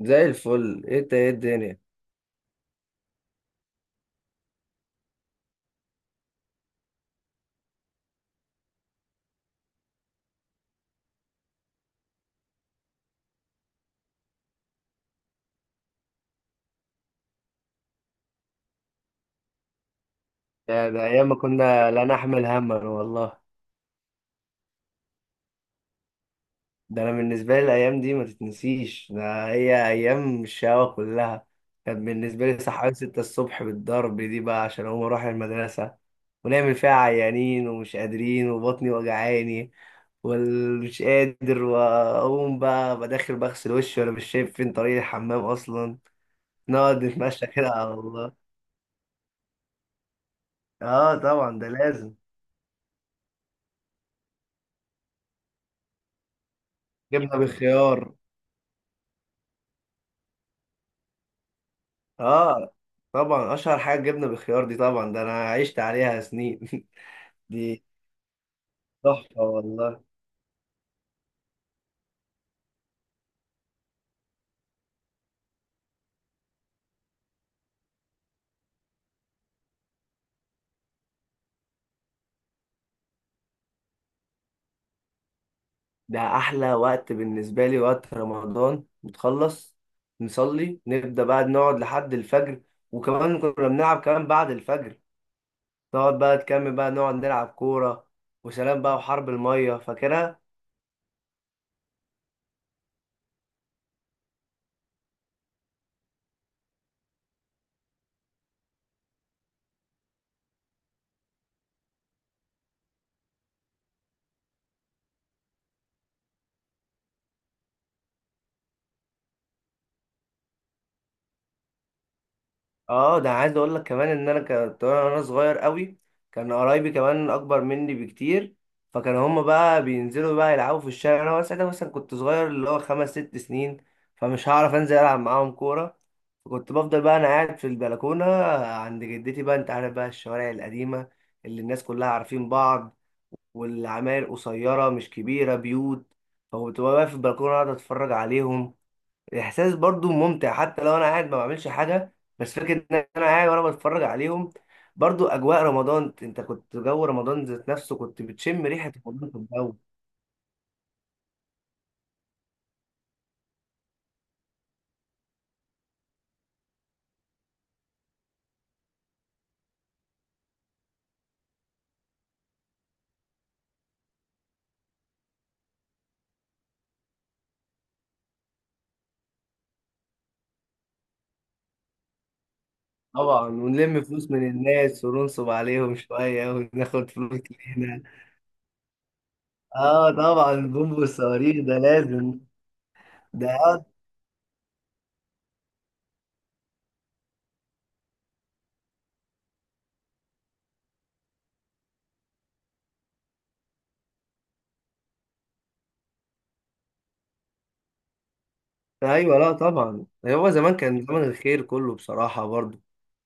زي الفل. ايه ده، ايه الدنيا. ده ايام ما كنا لا نحمل هما والله. ده انا بالنسبه لي الايام دي ما تتنسيش، ده هي ايام الشقاوه كلها. كانت بالنسبه لي صحيان 6 الصبح بالضرب دي بقى عشان اقوم اروح المدرسه، ونعمل فيها عيانين ومش قادرين وبطني وجعاني ومش قادر، واقوم بقى بداخل بغسل وشي وانا مش شايف فين طريق الحمام اصلا، نقعد نتمشى كده على الله. اه طبعا ده لازم. جبنه بالخيار. اه طبعا، اشهر حاجه الجبنه بالخيار دي، طبعا ده انا عشت عليها سنين دي تحفه والله. ده احلى وقت بالنسبه لي وقت رمضان، نتخلص نصلي نبدا بقى نقعد لحد الفجر، وكمان كنا بنلعب كمان بعد الفجر، نقعد بقى تكمل بقى نقعد نلعب كوره وسلام بقى، وحرب الميه فاكرها. اه ده عايز اقول لك كمان ان انا كنت وانا صغير قوي، كان قرايبي كمان اكبر مني بكتير، فكان هما بقى بينزلوا بقى يلعبوا في الشارع. انا ساعتها مثلا كنت صغير، اللي هو خمس ست سنين، فمش هعرف انزل العب معاهم كوره. فكنت بفضل بقى انا قاعد في البلكونه عند جدتي. بقى انت عارف بقى الشوارع القديمه اللي الناس كلها عارفين بعض، والعماير قصيره مش كبيره بيوت، فكنت بقى واقف في البلكونه اقعد اتفرج عليهم. احساس برضو ممتع حتى لو انا قاعد ما بعملش حاجه، بس فكره ان انا قاعد وانا بتفرج عليهم، برضو اجواء رمضان. انت كنت جو رمضان ذات نفسه كنت بتشم ريحه رمضان في الجو. طبعا، ونلم فلوس من الناس وننصب عليهم شويه وناخد فلوس من هنا. اه طبعا بومبو الصواريخ ده لازم. ده ايوه، لا طبعا، يعني هو زمان كان زمن الخير كله بصراحه برضو.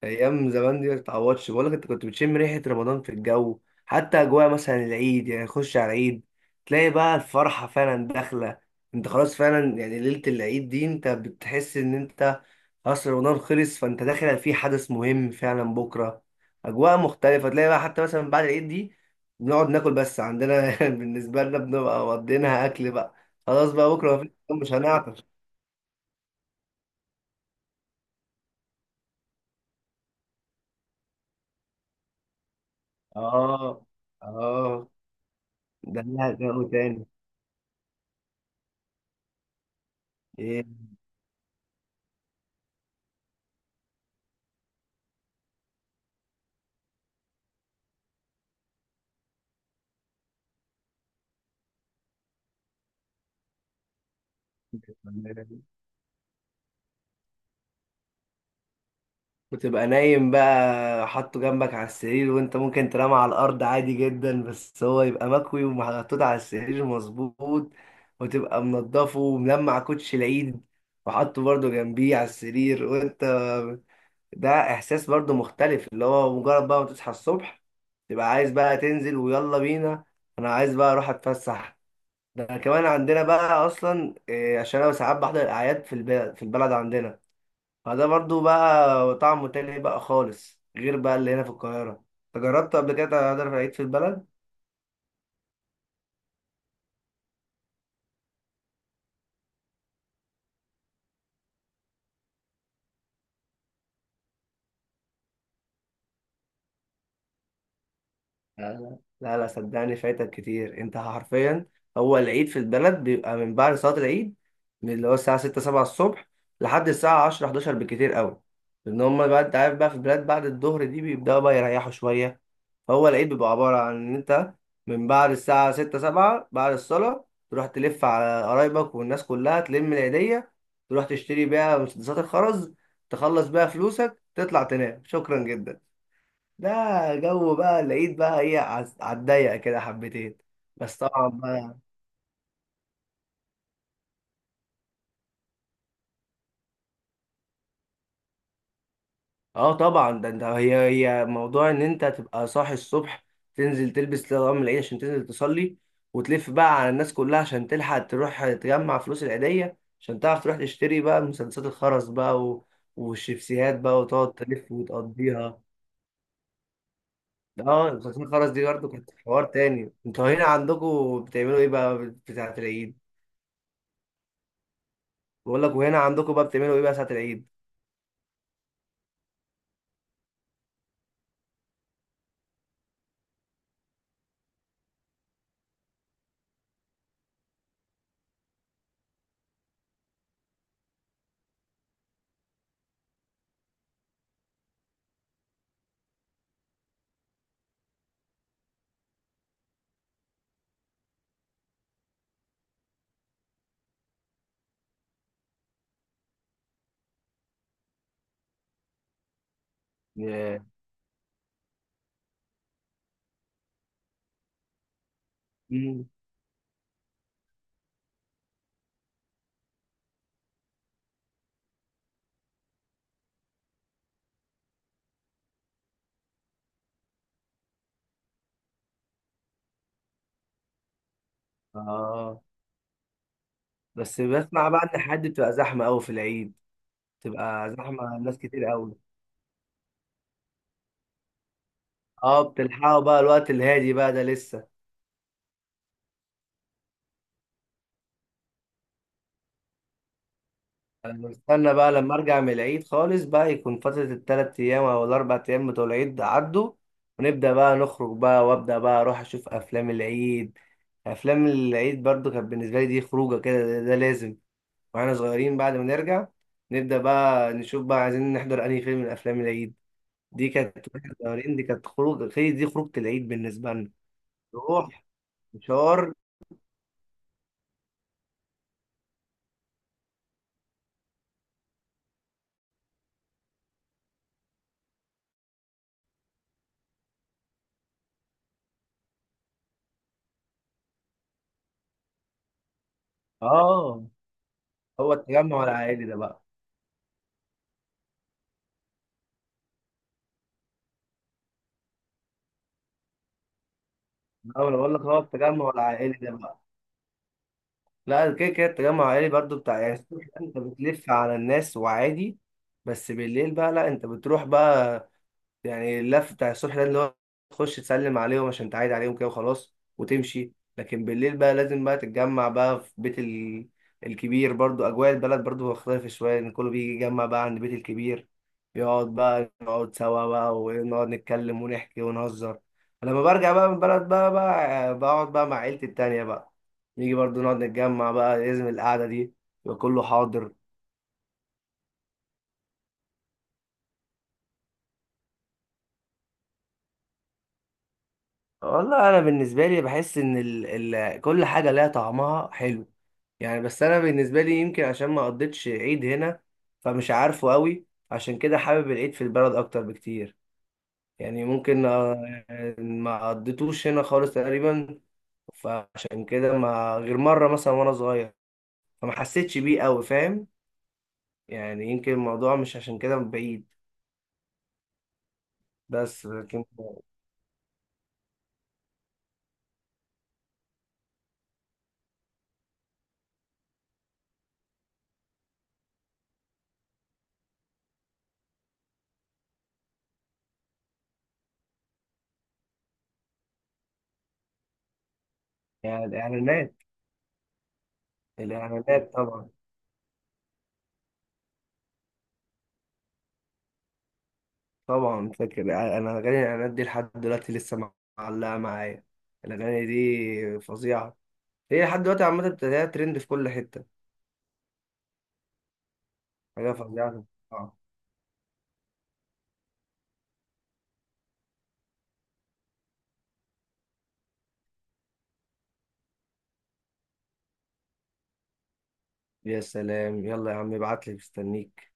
ايام زمان دي ما تتعوضش، بقول لك انت كنت بتشم ريحه رمضان في الجو. حتى اجواء مثلا العيد، يعني خش على العيد تلاقي بقى الفرحه فعلا داخله. انت خلاص فعلا يعني ليله العيد دي انت بتحس ان انت خلاص رمضان خلص، فانت داخل في حدث مهم فعلا بكره، اجواء مختلفه. تلاقي بقى حتى مثلا بعد العيد دي بنقعد ناكل. بس عندنا بالنسبه لنا بنبقى مقضينها اكل بقى. خلاص بقى بكره مش هنعطش. اه. اه. ده لها جو تاني. ايه. وتبقى نايم بقى حاطه جنبك على السرير وانت ممكن تنام على الارض عادي جدا، بس هو يبقى مكوي ومحطوط على السرير مظبوط، وتبقى منضفه وملمع كوتش العيد وحاطه برضه جنبيه على السرير. وانت ده احساس برضه مختلف، اللي هو مجرد بقى ما تصحى الصبح تبقى عايز بقى تنزل، ويلا بينا انا عايز بقى اروح اتفسح. ده كمان عندنا بقى اصلا إيه، عشان انا ساعات بحضر الاعياد في البلد، في البلد عندنا. فده برضو بقى طعمه تاني بقى خالص، غير بقى اللي هنا في القاهره. انت جربت قبل كده تحضر العيد في البلد؟ لا لا لا لا، صدقني فايتك كتير انت حرفيا. هو العيد في البلد بيبقى من بعد صلاه العيد، من اللي هو الساعه 6 7 الصبح لحد الساعه 10 11 بالكتير قوي. لان هم بقى انت عارف بقى في البلاد بعد الظهر دي بيبداوا بقى يريحوا شويه. هو العيد بيبقى عبارة عن إن أنت من بعد الساعة ستة سبعة بعد الصلاة تروح تلف على قرايبك والناس كلها، تلم العيدية، تروح تشتري بيها مسدسات الخرز، تخلص بيها فلوسك، تطلع تنام. شكرا جدا. ده جو بقى العيد بقى إيه، على الضيق كده حبتين. بس طبعا بقى، اه طبعا ده انت هي موضوع ان انت تبقى صاحي الصبح، تنزل تلبس لغم العيد عشان تنزل تصلي، وتلف بقى على الناس كلها عشان تلحق تروح تجمع فلوس العيدية، عشان تعرف تروح تشتري بقى مسدسات الخرز بقى، و... والشيبسيهات بقى، وتقعد تلف وتقضيها. اه، مسدسات الخرز دي برضه كانت حوار تاني. انتوا هنا عندكم بتعملوا ايه بقى بتاعة العيد؟ بقول لك وهنا عندكم بقى بتعملوا ايه بقى ساعة العيد؟ ياه. مم. اه. بس بسمع بقى ان حد بتبقى زحمة قوي في العيد، تبقى زحمة ناس كتير قوي. اه بتلحقوا بقى الوقت الهادي بقى ده لسه. انا بستنى بقى لما ارجع من العيد خالص بقى، يكون فترة التلات ايام او الاربع ايام بتوع العيد ده عدوا، ونبدأ بقى نخرج بقى، وابدأ بقى اروح اشوف افلام العيد. افلام العيد برضو كانت بالنسبة لي دي خروجة كده، ده لازم. واحنا صغيرين بعد ما نرجع نبدأ بقى نشوف بقى عايزين نحضر انهي فيلم من افلام العيد. دي كانت واحنا صغيرين دي كانت خروج، دي خروجة العيد بالنسبة لنا. نروح مشوار. اه. هو التجمع العائلي ده بقى، انا بقول لك هو التجمع العائلي ده بقى، لا كده كده. التجمع العائلي برضو بتاع يعني الصبح انت بتلف على الناس وعادي، بس بالليل بقى لا انت بتروح بقى. يعني اللف بتاع الصبح ده اللي هو تخش تسلم عليهم عشان تعايد عليهم كده وخلاص وتمشي، لكن بالليل بقى لازم بقى تتجمع بقى في بيت ال... الكبير. برضو أجواء البلد برضو مختلفة شوية إن كله بيجي يجمع بقى عند بيت الكبير، يقعد بقى نقعد سوا بقى ونقعد نتكلم ونحكي ونهزر. لما برجع بقى من البلد بقى، بقى بقعد بقى مع عيلتي التانية بقى، نيجي برضو نقعد نتجمع بقى، لازم القعدة دي. يبقى كله حاضر. والله انا بالنسبه لي بحس ان ال كل حاجه لها طعمها حلو، يعني. بس انا بالنسبه لي يمكن عشان ما قضيتش عيد هنا، فمش عارفه قوي، عشان كده حابب العيد في البلد اكتر بكتير. يعني ممكن آه، ما قضيتوش هنا خالص تقريبا، فعشان كده ما غير مره مثلا وانا صغير فما حسيتش بيه قوي، فاهم؟ يعني يمكن الموضوع مش عشان كده بعيد، بس لكن. يعني الاعلانات. الاعلانات طبعا. طبعا فاكر، يعني انا اغاني الاعلانات دي لحد دلوقتي لسه معلقه معايا. الاغاني دي فظيعه، هي لحد دلوقتي عامه بتلاقيها ترند في كل حته. حاجه فظيعه. آه. يا سلام، يلا يا عم ابعت لي، مستنيك.